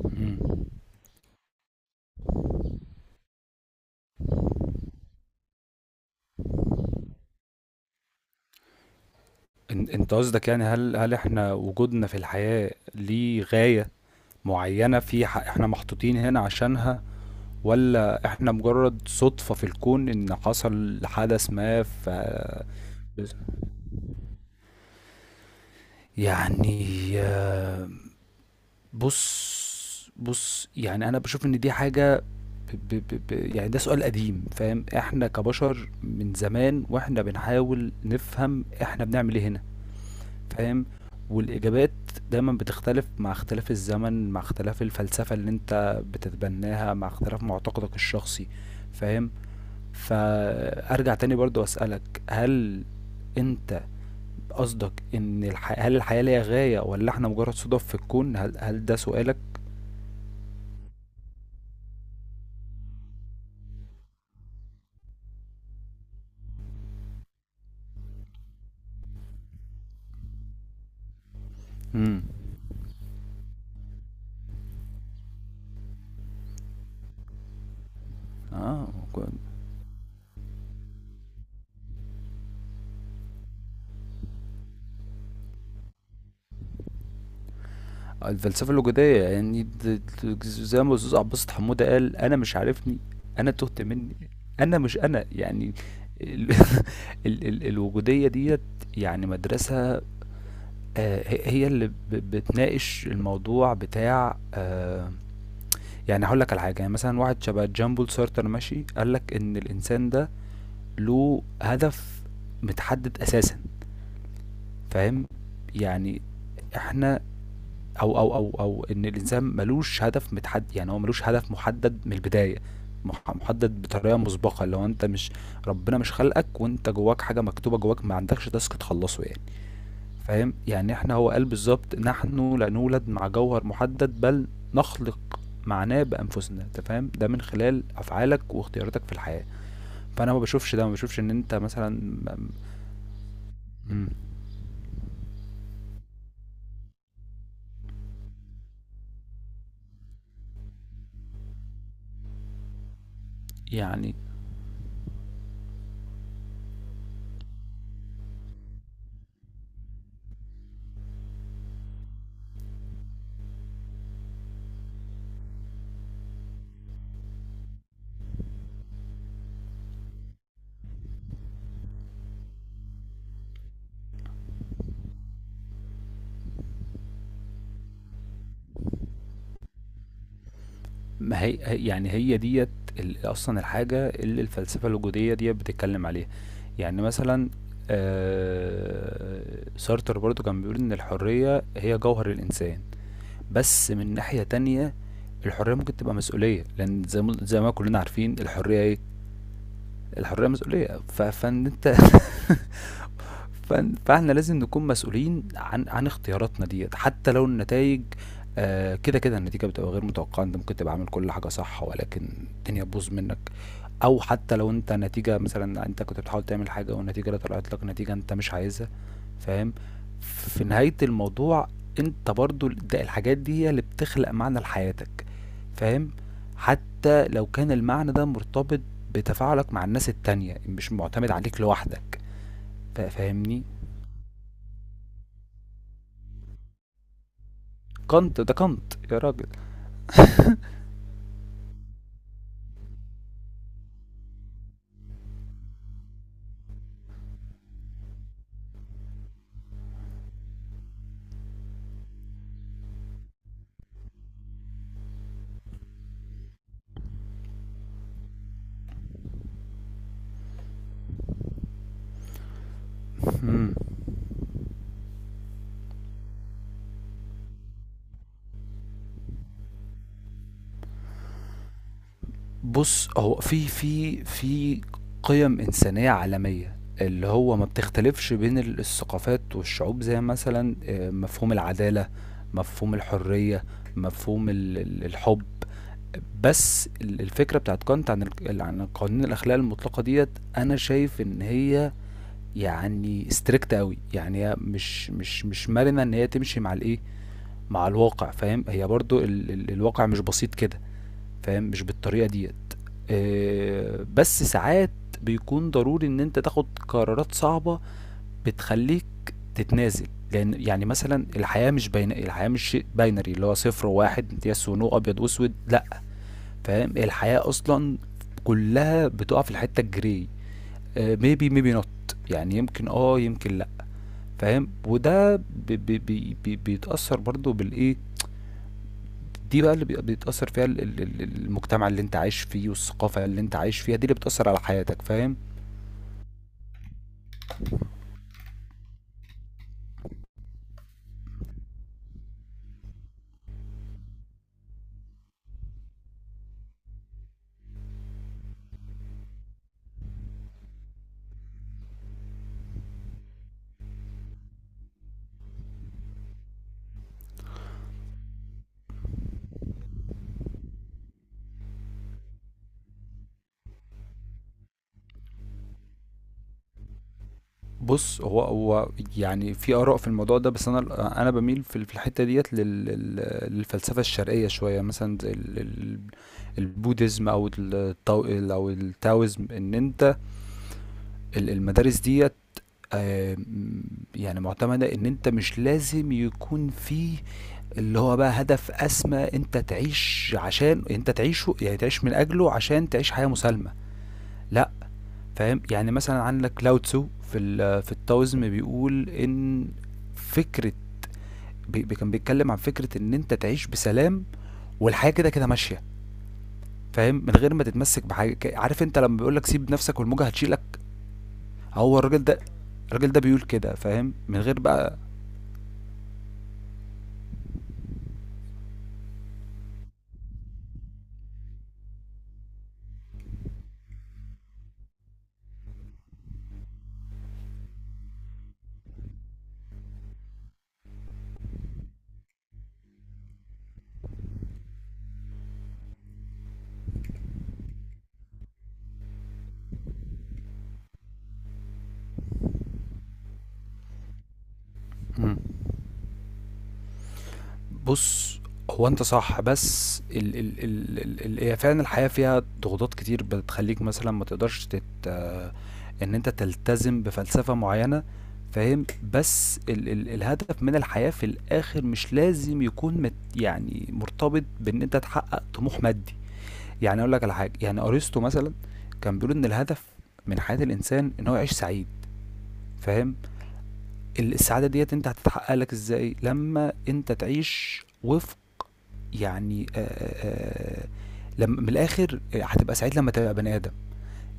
مم. انت قصدك يعني هل احنا وجودنا في الحياة ليه غاية معينة، احنا محطوطين هنا عشانها، ولا احنا مجرد صدفة في الكون ان حصل حدث ما، بس- يعني بص بص، يعني انا بشوف ان دي حاجة، ب ب ب ب يعني ده سؤال قديم، فاهم؟ احنا كبشر من زمان واحنا بنحاول نفهم احنا بنعمل ايه هنا، فاهم؟ والإجابات دايما بتختلف مع اختلاف الزمن، مع اختلاف الفلسفة اللي انت بتتبناها، مع اختلاف معتقدك الشخصي، فاهم؟ فأرجع تاني برضو أسألك، هل انت قصدك ان هل الحياة ليها غاية ولا احنا مجرد صدف في الكون، هل ده سؤالك؟ امم. اه. الفلسفة الوجودية، يعني زي ما الأستاذ عباس حمودة قال، أنا مش عارفني، أنا تهت مني، أنا مش أنا يعني. ال ال ال الوجودية ديت يعني مدرسة. هي هي اللي بتناقش الموضوع بتاع يعني هقول لك على حاجة، يعني مثلا واحد شبه جامبول سارتر ماشي، قال لك إن الإنسان ده له هدف متحدد أساسا، فاهم؟ يعني احنا او او او او ان الانسان ملوش هدف متحدد، يعني هو ملوش هدف محدد من البدايه، محدد بطريقه مسبقه لو انت مش، ربنا مش خلقك وانت جواك حاجه مكتوبه جواك، ما عندكش تاسك تخلصه يعني، فاهم؟ يعني هو قال بالظبط، نحن لا نولد مع جوهر محدد بل نخلق معناه بانفسنا، انت فاهم؟ ده من خلال افعالك واختياراتك في الحياه، فانا ما بشوفش ان انت مثلا م- يعني ما هي هي- يعني هي ديت اصلا الحاجه اللي الفلسفه الوجوديه ديت بتتكلم عليها. يعني مثلا سارتر برضو كان بيقول ان الحريه هي جوهر الانسان، بس من ناحيه تانية، الحريه ممكن تبقى مسؤوليه، لان زي ما كلنا عارفين الحريه ايه. الحريه مسؤوليه، فان انت فاحنا لازم نكون مسؤولين عن اختياراتنا ديت حتى لو النتائج كده كده النتيجة بتبقى غير متوقعة، انت ممكن تبقى عامل كل حاجة صح ولكن الدنيا تبوظ منك، او حتى لو انت نتيجة مثلا انت كنت بتحاول تعمل حاجة، والنتيجة اللي طلعت لك نتيجة انت مش عايزها، فاهم؟ في نهاية الموضوع انت برضو، ده الحاجات دي هي اللي بتخلق معنى لحياتك، فاهم؟ حتى لو كان المعنى ده مرتبط بتفاعلك مع الناس التانية، مش معتمد عليك لوحدك، فاهمني؟ كانت، ده كانت يا راجل. بص، هو في قيم إنسانية عالمية، اللي هو ما بتختلفش بين الثقافات والشعوب، زي مثلا مفهوم العدالة، مفهوم الحرية، مفهوم الحب. بس الفكرة بتاعت كانت عن عن قوانين الأخلاق المطلقة ديت، أنا شايف إن هي يعني ستريكت قوي، يعني هي مش مرنة إن هي تمشي مع الإيه، مع الواقع، فاهم؟ هي برضو ال ال الواقع مش بسيط كده، فاهم؟ مش بالطريقة ديت. بس ساعات بيكون ضروري ان انت تاخد قرارات صعبة بتخليك تتنازل، لان يعني مثلا الحياة مش بين، الحياة مش شيء باينري، اللي هو صفر وواحد، يس ونو، ابيض واسود، لا، فاهم؟ الحياة اصلا كلها بتقع في الحتة الجري، ميبي ميبي نوت، يعني يمكن يمكن لا، فاهم؟ وده بيتأثر برضو بالايه دي بقى، اللي بيتأثر فيها المجتمع اللي انت عايش فيه والثقافة اللي انت عايش فيها دي اللي بتأثر على حياتك، فاهم؟ بص، هو هو يعني في آراء في الموضوع ده، بس انا بميل في في الحتة ديت للفلسفة الشرقية شوية، مثلا زي البوديزم او التاو او التاويزم، ان انت المدارس ديت يعني معتمدة ان انت مش لازم يكون فيه اللي هو بقى هدف أسمى أنت تعيش عشان أنت تعيشه، يعني تعيش من أجله عشان تعيش حياة مسالمة، لأ، فاهم؟ يعني مثلا عندك لاو تسو في في التاوزم بيقول إن فكرة، كان بيتكلم عن فكرة إن أنت تعيش بسلام والحياة كده كده ماشية، فاهم؟ من غير ما تتمسك بحاجة، عارف أنت لما بيقولك سيب نفسك والموجة هتشيلك. هو الراجل ده الراجل ده بيقول كده، فاهم؟ من غير بقى. بُص، هو أنت صح، بس ال ال ال ال ال هي فعلًا الحياة فيها ضغوطات كتير بتخلّيك مثلًا ما تقدرش تت آه، إن أنت تلتزم بفلسفة معيّنة، فاهم؟ بس ال ال الهدف من الحياة في الآخر مش لازم يكون يعني مرتبط بإن أنت تحقق طموح مادي. يعني أقول لك على حاجة، يعني أرسطو مثلًا كان بيقول إن الهدف من حياة الإنسان إن هو يعيش سعيد، فاهم؟ السعادة ديّة أنت هتتحقق لك إزاي؟ لمّا أنت تعيش وفق، يعني آآ لم من الآخر هتبقى سعيد لمّا تبقى بني آدم،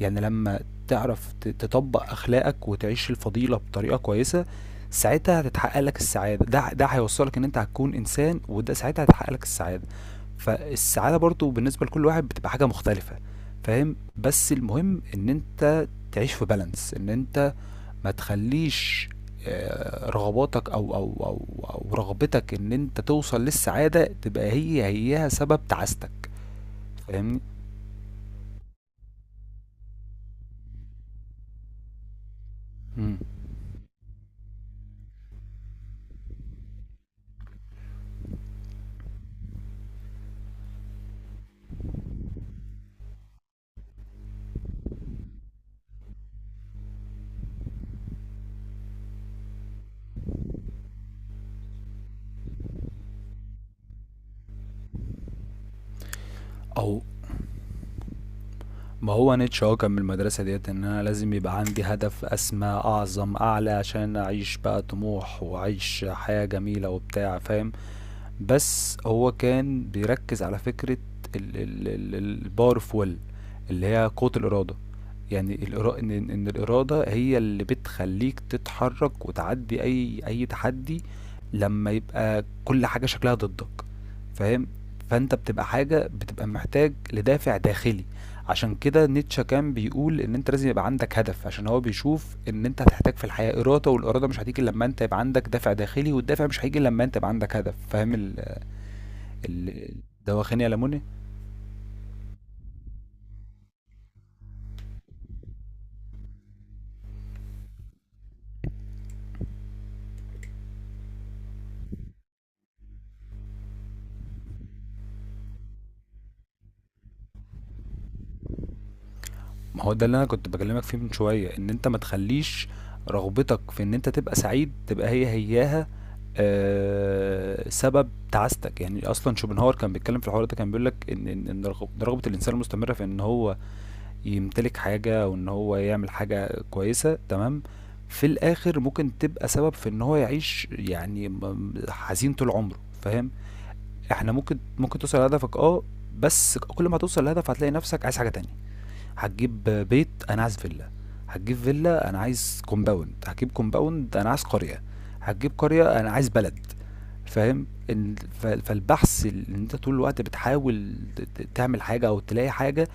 يعني لمّا تعرف تطبّق أخلاقك وتعيش الفضيلة بطريقة كويسة، ساعتها هتتحقق لك السعادة، ده هيوصّلك إن أنت هتكون إنسان، وده ساعتها هيتحقق لك السعادة. فالسعادة برضه بالنسبة لكل واحد بتبقى حاجة مختلفة، فاهم؟ بس المهم إن أنت تعيش في balance، إن أنت ما تخليش رغباتك او او او او رغبتك ان انت توصل للسعاده تبقى هيها سبب تعاستك، فاهمني؟ مم. او ما هو نيتشه هو كان من المدرسه ديت، ان انا لازم يبقى عندي هدف اسمى، اعظم، اعلى عشان اعيش بقى طموح واعيش حياه جميله وبتاع، فاهم؟ بس هو كان بيركز على فكرة power of will، اللي هي قوة الإرادة، يعني إن الإرادة هي اللي بتخليك تتحرك وتعدي أي تحدي لما يبقى كل حاجة شكلها ضدك، فاهم؟ فأنت بتبقى حاجة بتبقى محتاج لدافع داخلي، عشان كده نيتشه كان بيقول إن أنت لازم يبقى عندك هدف، عشان هو بيشوف إن أنت هتحتاج في الحياة إرادة، والإرادة مش هتيجي إلا لما أنت يبقى عندك دافع داخلي، والدافع مش هيجي إلا لما أنت يبقى عندك هدف، فاهم؟ ال- ده واخدني على منى. ما هو ده اللي انا كنت بكلمك فيه من شويه، ان انت ما تخليش رغبتك في ان انت تبقى سعيد تبقى هياها سبب تعاستك. يعني اصلا شوبنهاور كان بيتكلم في الحوار ده، كان بيقول لك ان ان إن رغبه الانسان المستمره في ان هو يمتلك حاجه، وان هو يعمل حاجه كويسه تمام، في الاخر ممكن تبقى سبب في ان هو يعيش يعني حزين طول عمره، فاهم؟ احنا ممكن توصل لهدفك، بس كل ما توصل لهدف هتلاقي نفسك عايز حاجه تانية. هتجيب بيت، انا عايز فيلا. هتجيب فيلا، انا عايز كومباوند. هتجيب كومباوند، انا عايز قرية. هتجيب قرية، انا عايز بلد، فاهم؟ فالبحث اللي انت طول الوقت بتحاول تعمل حاجة او تلاقي حاجة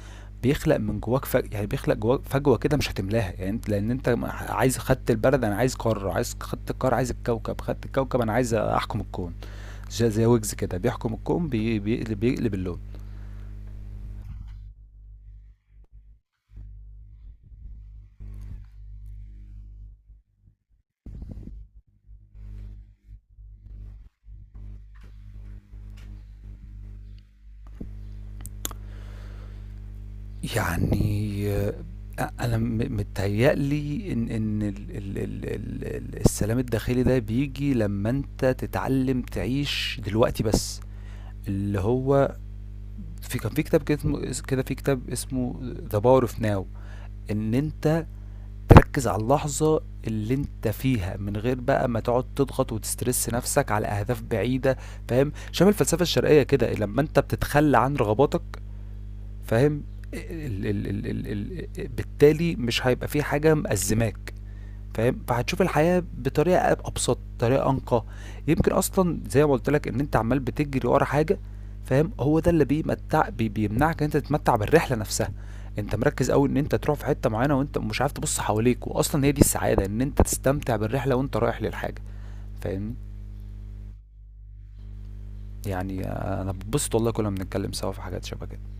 بيخلق من جواك يعني بيخلق جواك فجوة كده مش هتملاها، يعني انت لان انت عايز، خدت البلد انا عايز قارة، عايز، خدت القارة عايز الكوكب، خدت الكوكب انا عايز احكم الكون، زي ويجز كده بيحكم الكون بيقلب بيقلب اللون. يعني أنا متهيأ لي إن ال ال ال ال السلام الداخلي ده بييجي لمّا أنت تتعلّم تعيش دلوقتي بس، اللي هو في كان في كتاب كده اسمه اس كده في كتاب اسمه The Power of Now، إن أنت تركّز على اللحظة اللي أنت فيها، من غير بقى ما تقعد تضغط وتسترِس نفسك على أهداف بعيدة، فاهم؟ شبه الفلسفة الشرقية كده، لمّا أنت بتتخلّى عن رغباتك، فاهم؟ ال ال ال ال ال بالتالي مش هيبقى في حاجة مأزّماك، فاهم؟ فهتشوف الحياة بطريقة أبسط، طريقة أنقى، يمكن أصلًا زي ما قُلت لك إن أنت عمّال بتجري ورا حاجة، فاهم؟ هو ده اللي بيمتع بي بيمنعك إن أنت تتمتع بالرحلة نفسها. أنت مركّز أوي إن أنت تروح في حتّة معيّنة وأنت مش عارف تبُص حواليك، وأصلًا هي دي السعادة، إن أنت تستمتع بالرحلة وأنت رايح للحاجة، فاهمني؟ يعني أنا باتبسط والله كُلّ ما بنتكلّم سوا في حاجات شبه كده.